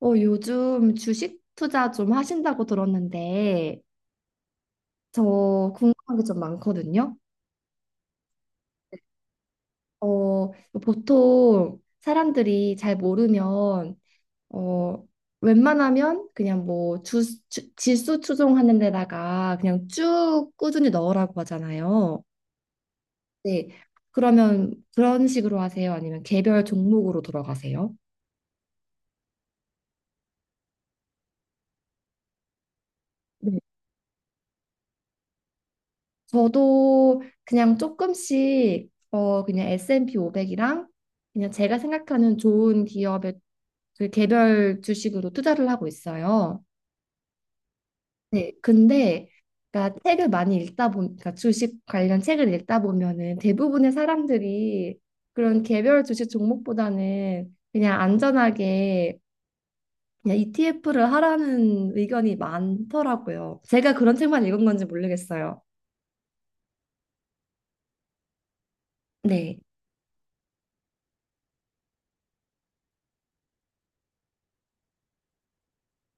요즘 주식 투자 좀 하신다고 들었는데, 저 궁금한 게 좀 많거든요. 어, 보통 사람들이 잘 모르면, 어, 웬만하면 그냥 뭐 지수 추종하는 데다가 그냥 쭉 꾸준히 넣으라고 하잖아요. 네. 그러면 그런 식으로 하세요? 아니면 개별 종목으로 들어가세요? 저도 그냥 조금씩 그냥 S&P 500이랑 그냥 제가 생각하는 좋은 기업의 그 개별 주식으로 투자를 하고 있어요. 네, 근데 그러니까 책을 많이 읽다 보니까 주식 관련 책을 읽다 보면은 대부분의 사람들이 그런 개별 주식 종목보다는 그냥 안전하게 그냥 ETF를 하라는 의견이 많더라고요. 제가 그런 책만 읽은 건지 모르겠어요. 네.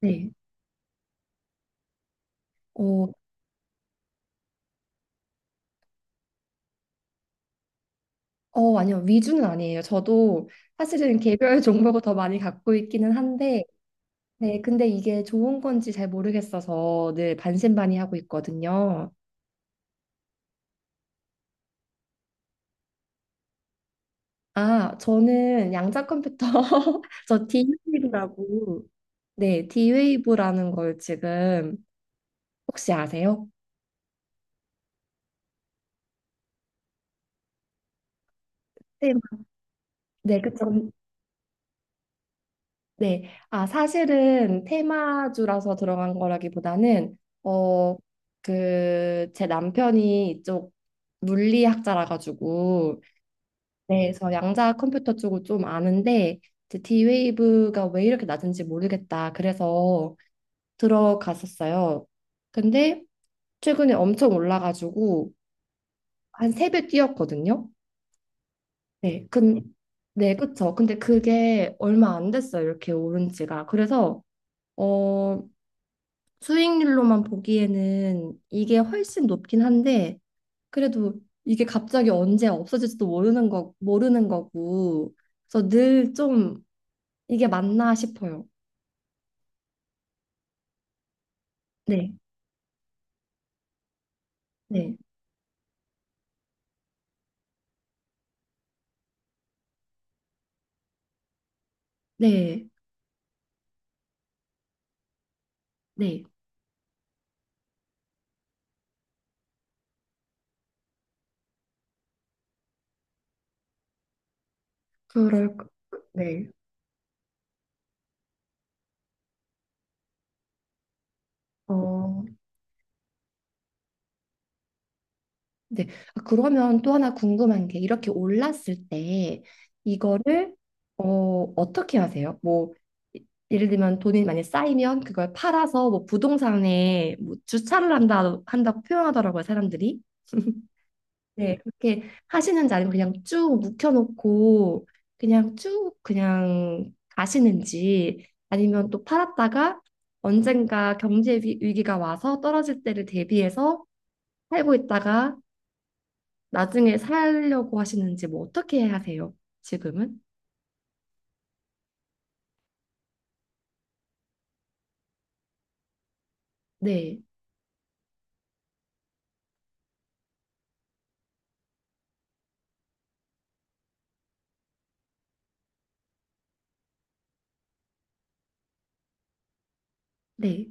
네. 어, 아니요. 위주는 아니에요. 저도 사실은 개별 종목을 더 많이 갖고 있기는 한데, 네, 근데 이게 좋은 건지 잘 모르겠어서 늘 반신반의하고 있거든요. 아, 저는 양자 컴퓨터, 저 d 웨이브라고. 네, d 웨이브라는 걸 지금 혹시 아세요? 테마. 네, 그쵸. 네, 아, 사실은 테마주라서 들어간 거라기보다는, 제 남편이 이쪽 물리학자라 가지고, 네, 그래서 양자 컴퓨터 쪽을 좀 아는데 이제 D-Wave가 왜 이렇게 낮은지 모르겠다. 그래서 들어갔었어요. 근데 최근에 엄청 올라가지고 한 세 배 뛰었거든요. 네, 근 네, 그쵸. 근데 그게 얼마 안 됐어요. 이렇게 오른 지가. 그래서 어, 수익률로만 보기에는 이게 훨씬 높긴 한데, 그래도 이게 갑자기 언제 없어질지도 모르는 거고. 그래서 늘좀 이게 맞나 싶어요. 네, 네, 네, 네. 그럴, 거- 네. 어, 네. 아, 그러면 또 하나 궁금한 게 이렇게 올랐을 때 이거를 어떻게 하세요? 이- 예를 들면 돈이 많이 쌓이면 그걸 팔아서 뭐 부동산에 뭐 주차를 한다고 표현하더라고요, 사람들이. 네, 그렇게 하시는지 아니면 그냥 쭉 묵혀놓고 그냥 쭉 그냥 가시는지, 아니면 또 팔았다가 언젠가 경제 위기가 와서 떨어질 때를 대비해서 살고 있다가 나중에 살려고 하시는지 뭐 어떻게 하세요? 지금은? 네, 네.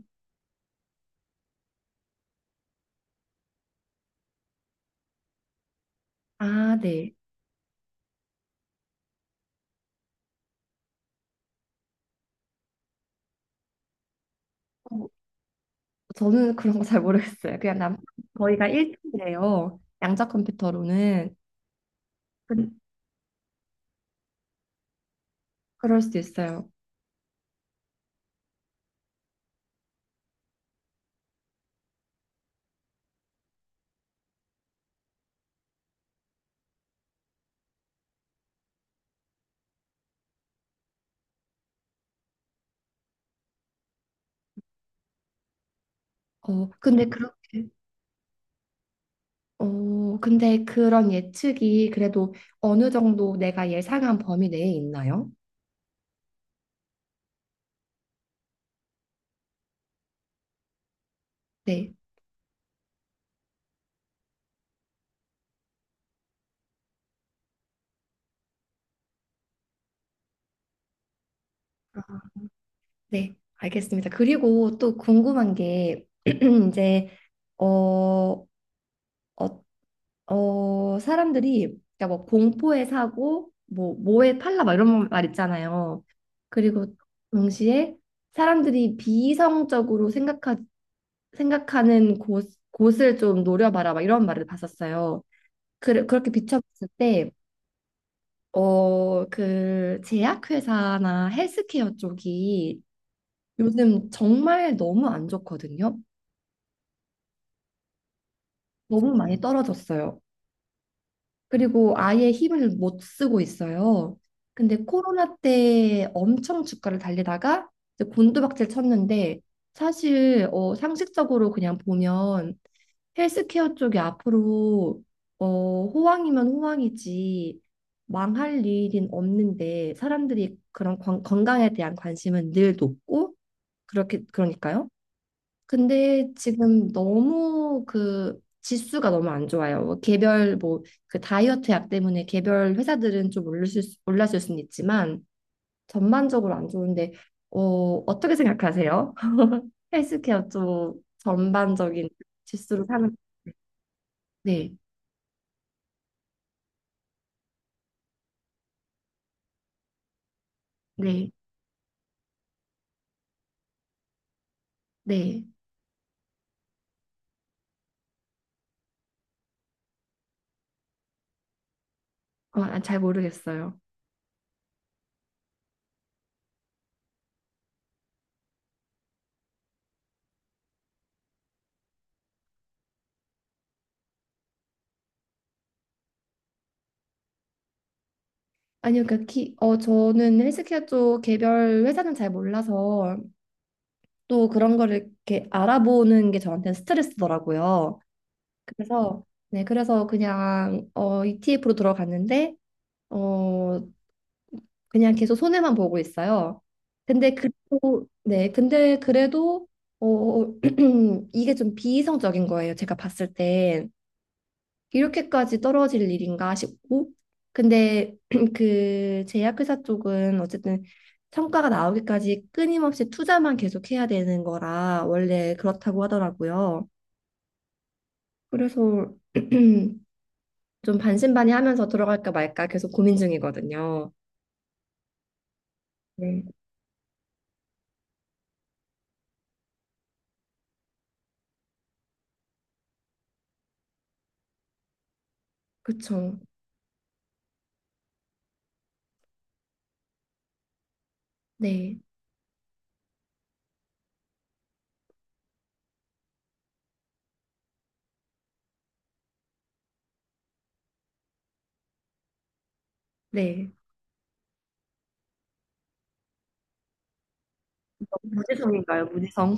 아, 네. 어, 저는 그런 거 잘 모르겠어요. 저희가 1등이래요. 양자 컴퓨터로는. 그- 그럴 수도 있어요. 어, 근데 그렇게 근데 그런 예측이 그래도 어느 정도 내가 예상한 범위 내에 있나요? 네, 네, 알겠습니다. 그리고 또 궁금한 게 이제 어, 어, 사람들이 그러니까 뭐 공포의 사고, 뭐 뭐의 팔라, 막 이런 말 있잖아요. 그리고 동시에 사람들이 비이성적으로 생각하는 곳 곳을 좀 노려봐라, 막 이런 말을 봤었어요. 그렇게 비춰봤을 때 그 제약회사나 헬스케어 쪽이 요즘 정말 너무 안 좋거든요. 너무 많이 떨어졌어요. 그리고 아예 힘을 못 쓰고 있어요. 근데 코로나 때 엄청 주가를 달리다가 이제 곤두박질 쳤는데 사실 상식적으로 그냥 보면 헬스케어 쪽이 앞으로 호황이면 호황이지 망할 일은 없는데, 사람들이 그런 건강에 대한 관심은 늘 높고 그렇게 그러니까요. 근데 지금 너무 그 지수가 너무 안 좋아요. 뭐 개별 뭐 그 다이어트 약 때문에 개별 회사들은 좀 올랐을 수는 있지만, 전반적으로 안 좋은데, 어떻게 생각하세요? 헬스케어 쪽 전반적인 지수로 사는. 네. 네, 네. 아, 잘 모르겠어요. 아니요, 저는 헬스케어 쪽 개별 회사는 잘 몰라서 또 그런 거를 이렇게 알아보는 게 저한테는 스트레스더라고요. 그래서 네, 그래서 그냥 ETF로 들어갔는데, 어, 그냥 계속 손해만 보고 있어요. 근데 그래도 네, 근데 그래도 어, 이게 좀 비이성적인 거예요. 제가 봤을 땐. 이렇게까지 떨어질 일인가 싶고, 근데 그 제약회사 쪽은 어쨌든 성과가 나오기까지 끊임없이 투자만 계속해야 되는 거라 원래 그렇다고 하더라고요. 그래서 좀 반신반의하면서 들어갈까 말까 계속 고민 중이거든요. 네, 그쵸. 네, 네. 무지성인가요, 무지성?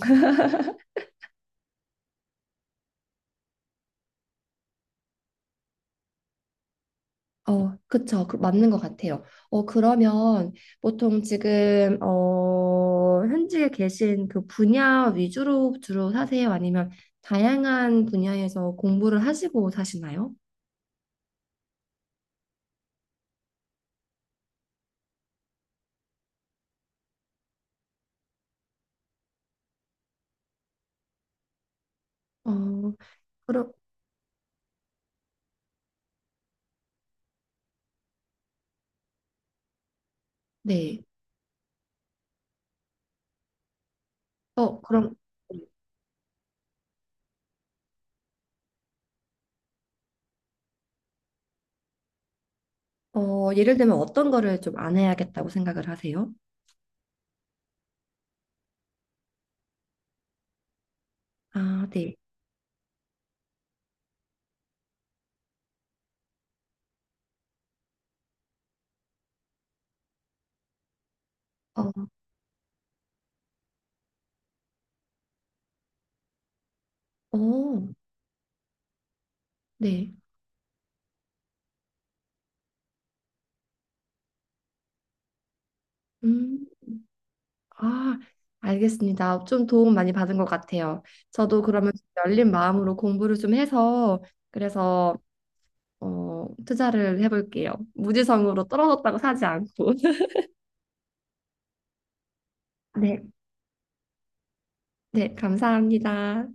그쵸. 그, 맞는 것 같아요. 그러면 보통 지금, 현직에 계신 그 분야 위주로 주로 사세요? 아니면 다양한 분야에서 공부를 하시고 사시나요? 어, 그럼, 네. 어, 그럼, 예를 들면 어떤 거를 좀 안 해야겠다고 생각을 하세요? 아, 네. 어, 어, 네. 음. 아, 알겠습니다. 좀 도움 많이 받은 것 같아요. 저도 그러면 좀 열린 마음으로 공부를 좀 해서 그래서 투자를 해볼게요. 무지성으로 떨어졌다고 사지 않고. 네, 네, 감사합니다.